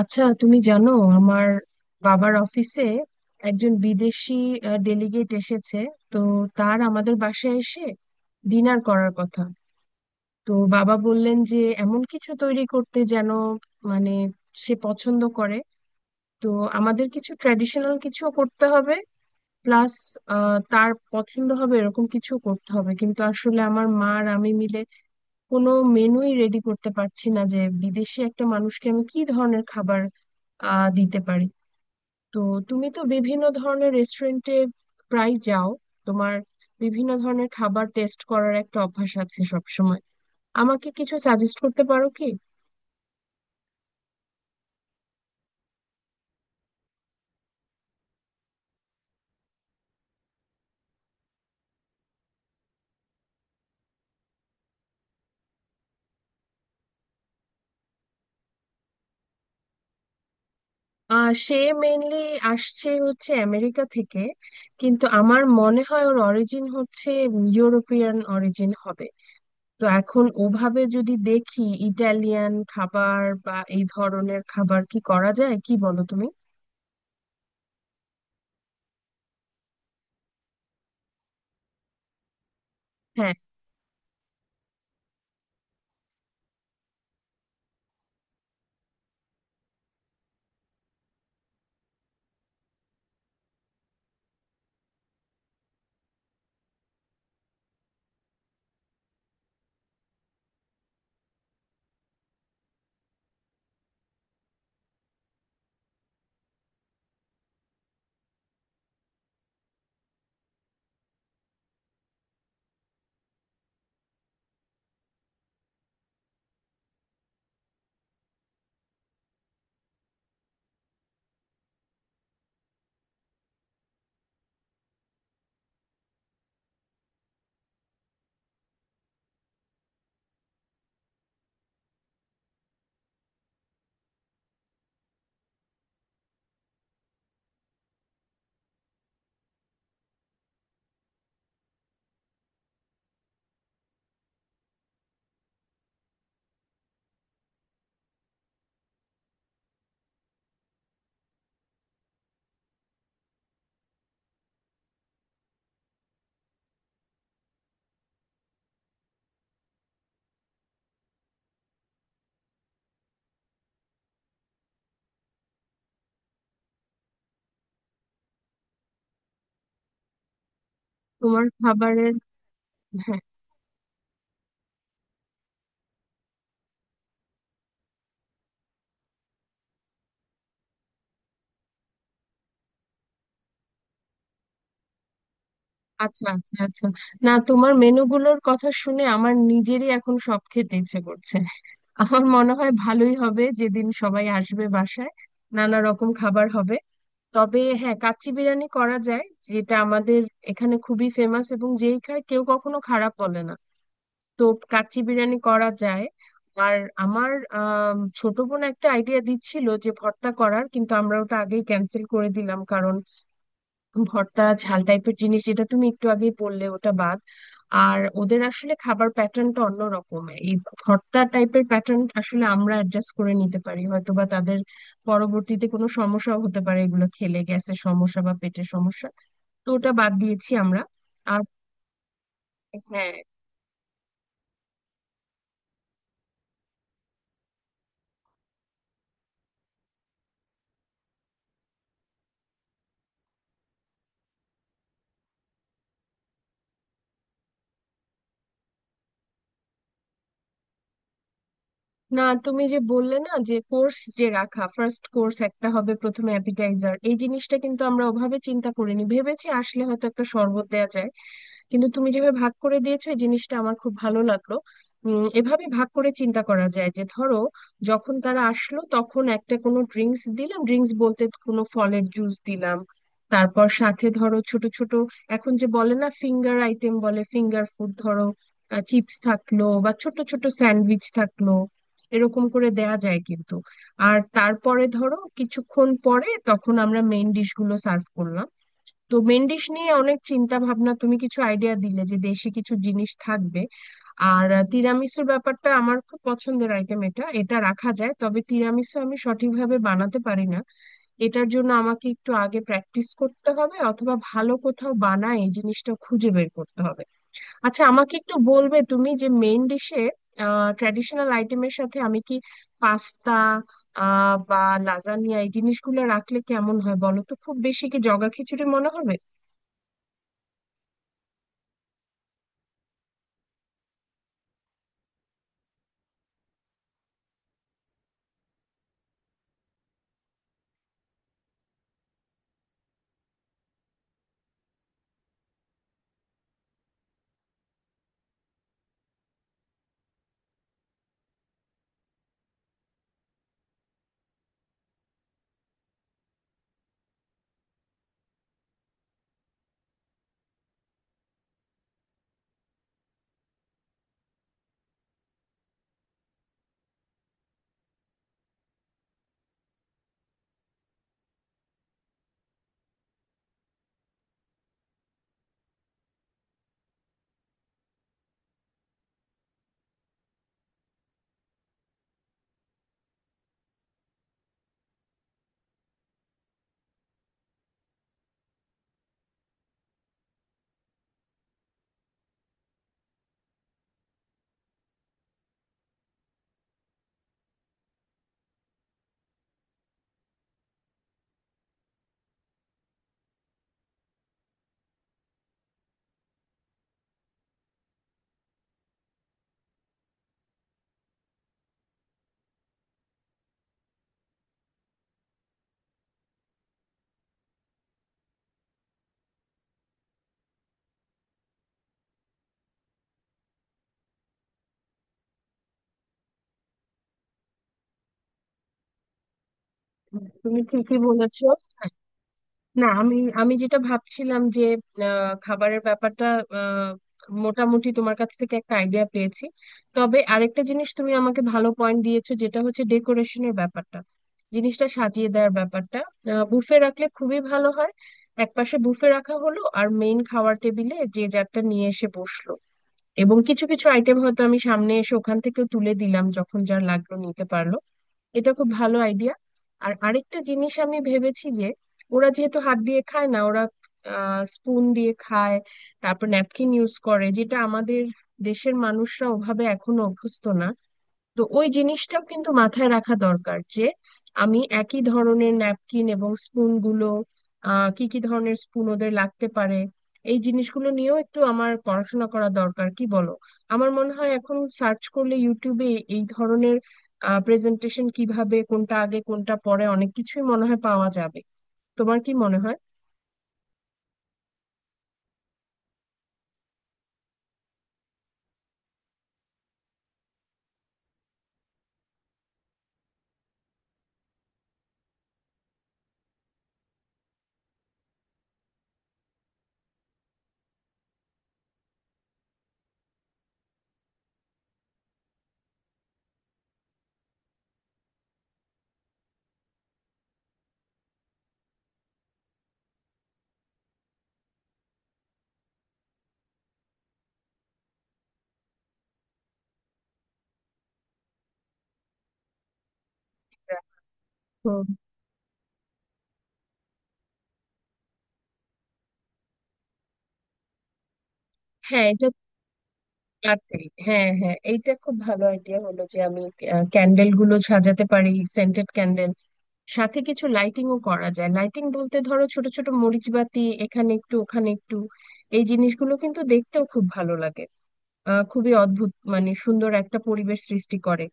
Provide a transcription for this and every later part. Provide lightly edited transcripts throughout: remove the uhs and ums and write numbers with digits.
আচ্ছা তুমি জানো আমার বাবার অফিসে একজন বিদেশি ডেলিগেট এসেছে। তো তার আমাদের বাসায় এসে ডিনার করার কথা। তো বাবা বললেন যে এমন কিছু তৈরি করতে যেন মানে সে পছন্দ করে। তো আমাদের কিছু ট্র্যাডিশনাল কিছু করতে হবে, প্লাস তার পছন্দ হবে এরকম কিছু করতে হবে। কিন্তু আসলে আমার মা আর আমি মিলে কোনো মেনুই রেডি করতে পারছি না যে বিদেশি একটা মানুষকে আমি কি ধরনের খাবার দিতে পারি। তো তুমি তো বিভিন্ন ধরনের রেস্টুরেন্টে প্রায় যাও, তোমার বিভিন্ন ধরনের খাবার টেস্ট করার একটা অভ্যাস আছে সব সময়। আমাকে কিছু সাজেস্ট করতে পারো কি? সে মেইনলি আসছে হচ্ছে আমেরিকা থেকে, কিন্তু আমার মনে হয় ওর অরিজিন হচ্ছে ইউরোপিয়ান অরিজিন হবে। তো এখন ওভাবে যদি দেখি, ইটালিয়ান খাবার বা এই ধরনের খাবার কি করা যায়, কি বলো তুমি? হ্যাঁ। তোমার খাবারের। হ্যাঁ। আচ্ছা, আচ্ছা, আচ্ছা। না, তোমার মেনুগুলোর কথা শুনে আমার নিজেরই এখন সব খেতে ইচ্ছে করছে। আমার মনে হয় ভালোই হবে যেদিন সবাই আসবে বাসায়, নানা রকম খাবার হবে। তবে হ্যাঁ, কাচ্চি বিরিয়ানি করা যায়, যেটা আমাদের এখানে খুবই ফেমাস এবং যেই খায় কেউ কখনো খারাপ বলে না। তো কাচ্চি বিরিয়ানি করা যায়। আর আমার ছোট বোন একটা আইডিয়া দিচ্ছিল যে ভর্তা করার, কিন্তু আমরা ওটা আগেই ক্যান্সেল করে দিলাম, কারণ ভর্তা ঝাল টাইপের জিনিস যেটা তুমি একটু আগেই বললে, ওটা বাদ। আর ওদের আসলে খাবার প্যাটার্নটা অন্য রকম, এই ভর্তা টাইপের প্যাটার্ন আসলে আমরা অ্যাডজাস্ট করে নিতে পারি হয়তো, বা তাদের পরবর্তীতে কোনো সমস্যাও হতে পারে এগুলো খেলে, গ্যাসের সমস্যা বা পেটের সমস্যা। তো ওটা বাদ দিয়েছি আমরা। আর হ্যাঁ। না, তুমি যে বললে না যে কোর্স, যে রাখা ফার্স্ট কোর্স একটা হবে প্রথমে অ্যাপিটাইজার, এই জিনিসটা কিন্তু আমরা ওভাবে চিন্তা করিনি, ভেবেছি আসলে হয়তো একটা শরবত দেওয়া যায়। কিন্তু তুমি যেভাবে ভাগ করে দিয়েছো, এই জিনিসটা আমার খুব ভালো লাগলো। এভাবে ভাগ করে চিন্তা করা যায় যে ধরো যখন তারা আসলো তখন একটা কোনো ড্রিঙ্কস দিলাম, ড্রিঙ্কস বলতে কোনো ফলের জুস দিলাম। তারপর সাথে ধরো ছোট ছোট, এখন যে বলে না ফিঙ্গার আইটেম, বলে ফিঙ্গার ফুড, ধরো চিপস থাকলো বা ছোট ছোট স্যান্ডউইচ থাকলো, এরকম করে দেয়া যায় কিন্তু। আর তারপরে ধরো কিছুক্ষণ পরে তখন আমরা মেইন ডিশ গুলো সার্ভ করলাম। তো মেন ডিশ নিয়ে অনেক চিন্তা ভাবনা, তুমি কিছু আইডিয়া দিলে যে দেশি কিছু জিনিস থাকবে। আর তিরামিসুর ব্যাপারটা আমার খুব পছন্দের আইটেম, এটা এটা রাখা যায়, তবে তিরামিসু আমি সঠিকভাবে বানাতে পারি না। এটার জন্য আমাকে একটু আগে প্র্যাকটিস করতে হবে, অথবা ভালো কোথাও বানায় এই জিনিসটা খুঁজে বের করতে হবে। আচ্ছা, আমাকে একটু বলবে তুমি যে মেইন ডিশে ট্র্যাডিশনাল আইটেমের সাথে আমি কি পাস্তা বা লাজানিয়া এই জিনিসগুলো রাখলে কেমন হয় বলো তো, খুব বেশি কি জগা খিচুড়ি মনে হবে? তুমি ঠিকই বলেছো। না, আমি আমি যেটা ভাবছিলাম যে খাবারের ব্যাপারটা আহ, মোটামুটি তোমার কাছ থেকে একটা আইডিয়া পেয়েছি। তবে আরেকটা জিনিস তুমি আমাকে ভালো পয়েন্ট দিয়েছো, যেটা হচ্ছে ডেকোরেশনের ব্যাপারটা, জিনিসটা সাজিয়ে দেওয়ার ব্যাপারটা। বুফে রাখলে খুবই ভালো হয়, একপাশে বুফে রাখা হলো আর মেইন খাওয়ার টেবিলে যে যারটা নিয়ে এসে বসলো, এবং কিছু কিছু আইটেম হয়তো আমি সামনে এসে ওখান থেকেও তুলে দিলাম, যখন যার লাগলো নিতে পারলো। এটা খুব ভালো আইডিয়া। আর আরেকটা জিনিস আমি ভেবেছি যে, ওরা যেহেতু হাত দিয়ে খায় না, ওরা স্পুন দিয়ে খায়, তারপর ন্যাপকিন ইউজ করে, যেটা আমাদের দেশের মানুষরা ওভাবে এখনো অভ্যস্ত না। তো ওই জিনিসটাও কিন্তু মাথায় রাখা দরকার যে আমি একই ধরনের ন্যাপকিন এবং স্পুন গুলো, কি কি ধরনের স্পুন ওদের লাগতে পারে, এই জিনিসগুলো নিয়েও একটু আমার পড়াশোনা করা দরকার, কি বলো? আমার মনে হয় এখন সার্চ করলে ইউটিউবে এই ধরনের প্রেজেন্টেশন কিভাবে, কোনটা আগে কোনটা পরে, অনেক কিছুই মনে হয় পাওয়া যাবে। তোমার কি মনে হয়? হুম, হ্যাঁ, এটা আছে। হ্যাঁ, হ্যাঁ, এইটা খুব ভালো আইডিয়া হলো যে আমি ক্যান্ডেল গুলো সাজাতে পারি, সেন্টেড ক্যান্ডেল। সাথে কিছু লাইটিংও করা যায়, লাইটিং বলতে ধরো ছোট ছোট মরিচ বাতি, এখানে একটু ওখানে একটু। এই জিনিসগুলো কিন্তু দেখতেও খুব ভালো লাগে, খুবই অদ্ভুত মানে সুন্দর একটা পরিবেশ সৃষ্টি করে।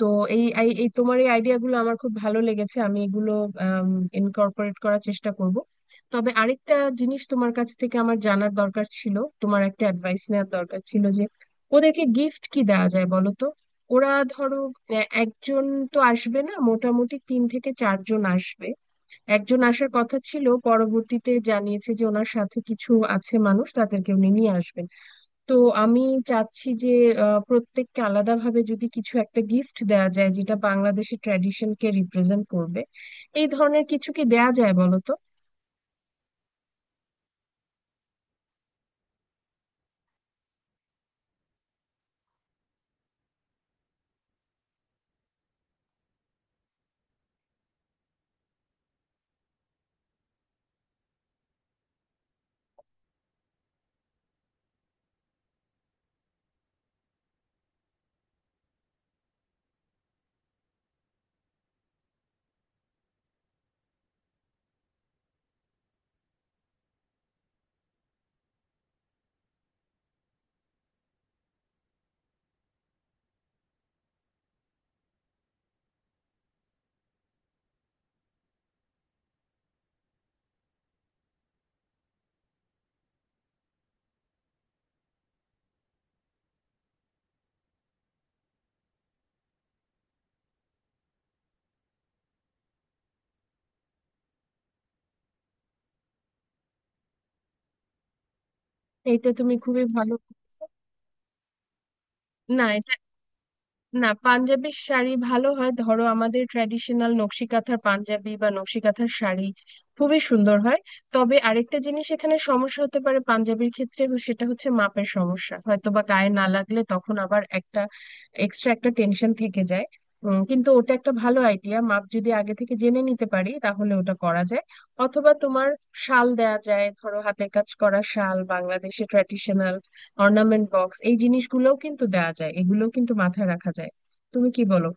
তো এই এই এই তোমার এই আইডিয়া গুলো আমার খুব ভালো লেগেছে, আমি এগুলো ইনকর্পোরেট করার চেষ্টা করব। তবে আরেকটা জিনিস তোমার কাছ থেকে আমার জানার দরকার ছিল, তোমার একটা অ্যাডভাইস নেওয়ার দরকার ছিল যে ওদেরকে গিফট কি দেওয়া যায় বলো তো। ওরা ধরো একজন তো আসবে না, মোটামুটি তিন থেকে চারজন আসবে। একজন আসার কথা ছিল, পরবর্তীতে জানিয়েছে যে ওনার সাথে কিছু আছে মানুষ, তাদেরকে উনি নিয়ে আসবেন। তো আমি চাচ্ছি যে প্রত্যেককে আলাদাভাবে যদি কিছু একটা গিফট দেয়া যায় যেটা বাংলাদেশের ট্র্যাডিশনকে রিপ্রেজেন্ট করবে, এই ধরনের কিছু কি দেয়া যায় বলো তো? এইটা তুমি খুবই ভালো। না, এটা না, পাঞ্জাবির শাড়ি ভালো হয়, ধরো আমাদের ট্র্যাডিশনাল নকশি কাঁথার পাঞ্জাবি বা নকশি কাঁথার শাড়ি খুবই সুন্দর হয়। তবে আরেকটা জিনিস এখানে সমস্যা হতে পারে পাঞ্জাবির ক্ষেত্রে, সেটা হচ্ছে মাপের সমস্যা, হয়তো বা গায়ে না লাগলে তখন আবার একটা এক্সট্রা একটা টেনশন থেকে যায়। কিন্তু ওটা একটা ভালো আইডিয়া, মাপ যদি আগে থেকে জেনে নিতে পারি তাহলে ওটা করা যায়। অথবা তোমার শাল দেয়া যায়, ধরো হাতের কাজ করা শাল, বাংলাদেশে ট্র্যাডিশনাল অর্নামেন্ট বক্স, এই জিনিসগুলোও কিন্তু দেয়া যায়, এগুলোও কিন্তু মাথায় রাখা যায়। তুমি কি বলো?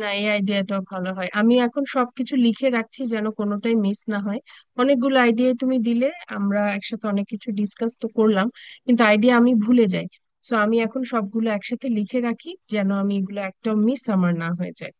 না, এই আইডিয়াটাও ভালো হয়, আমি এখন সবকিছু লিখে রাখছি যেন কোনোটাই মিস না হয়। অনেকগুলো আইডিয়া তুমি দিলে, আমরা একসাথে অনেক কিছু ডিসকাস তো করলাম, কিন্তু আইডিয়া আমি ভুলে যাই। সো আমি এখন সবগুলো একসাথে লিখে রাখি, যেন আমি এগুলো একটাও মিস আমার না হয়ে যায়।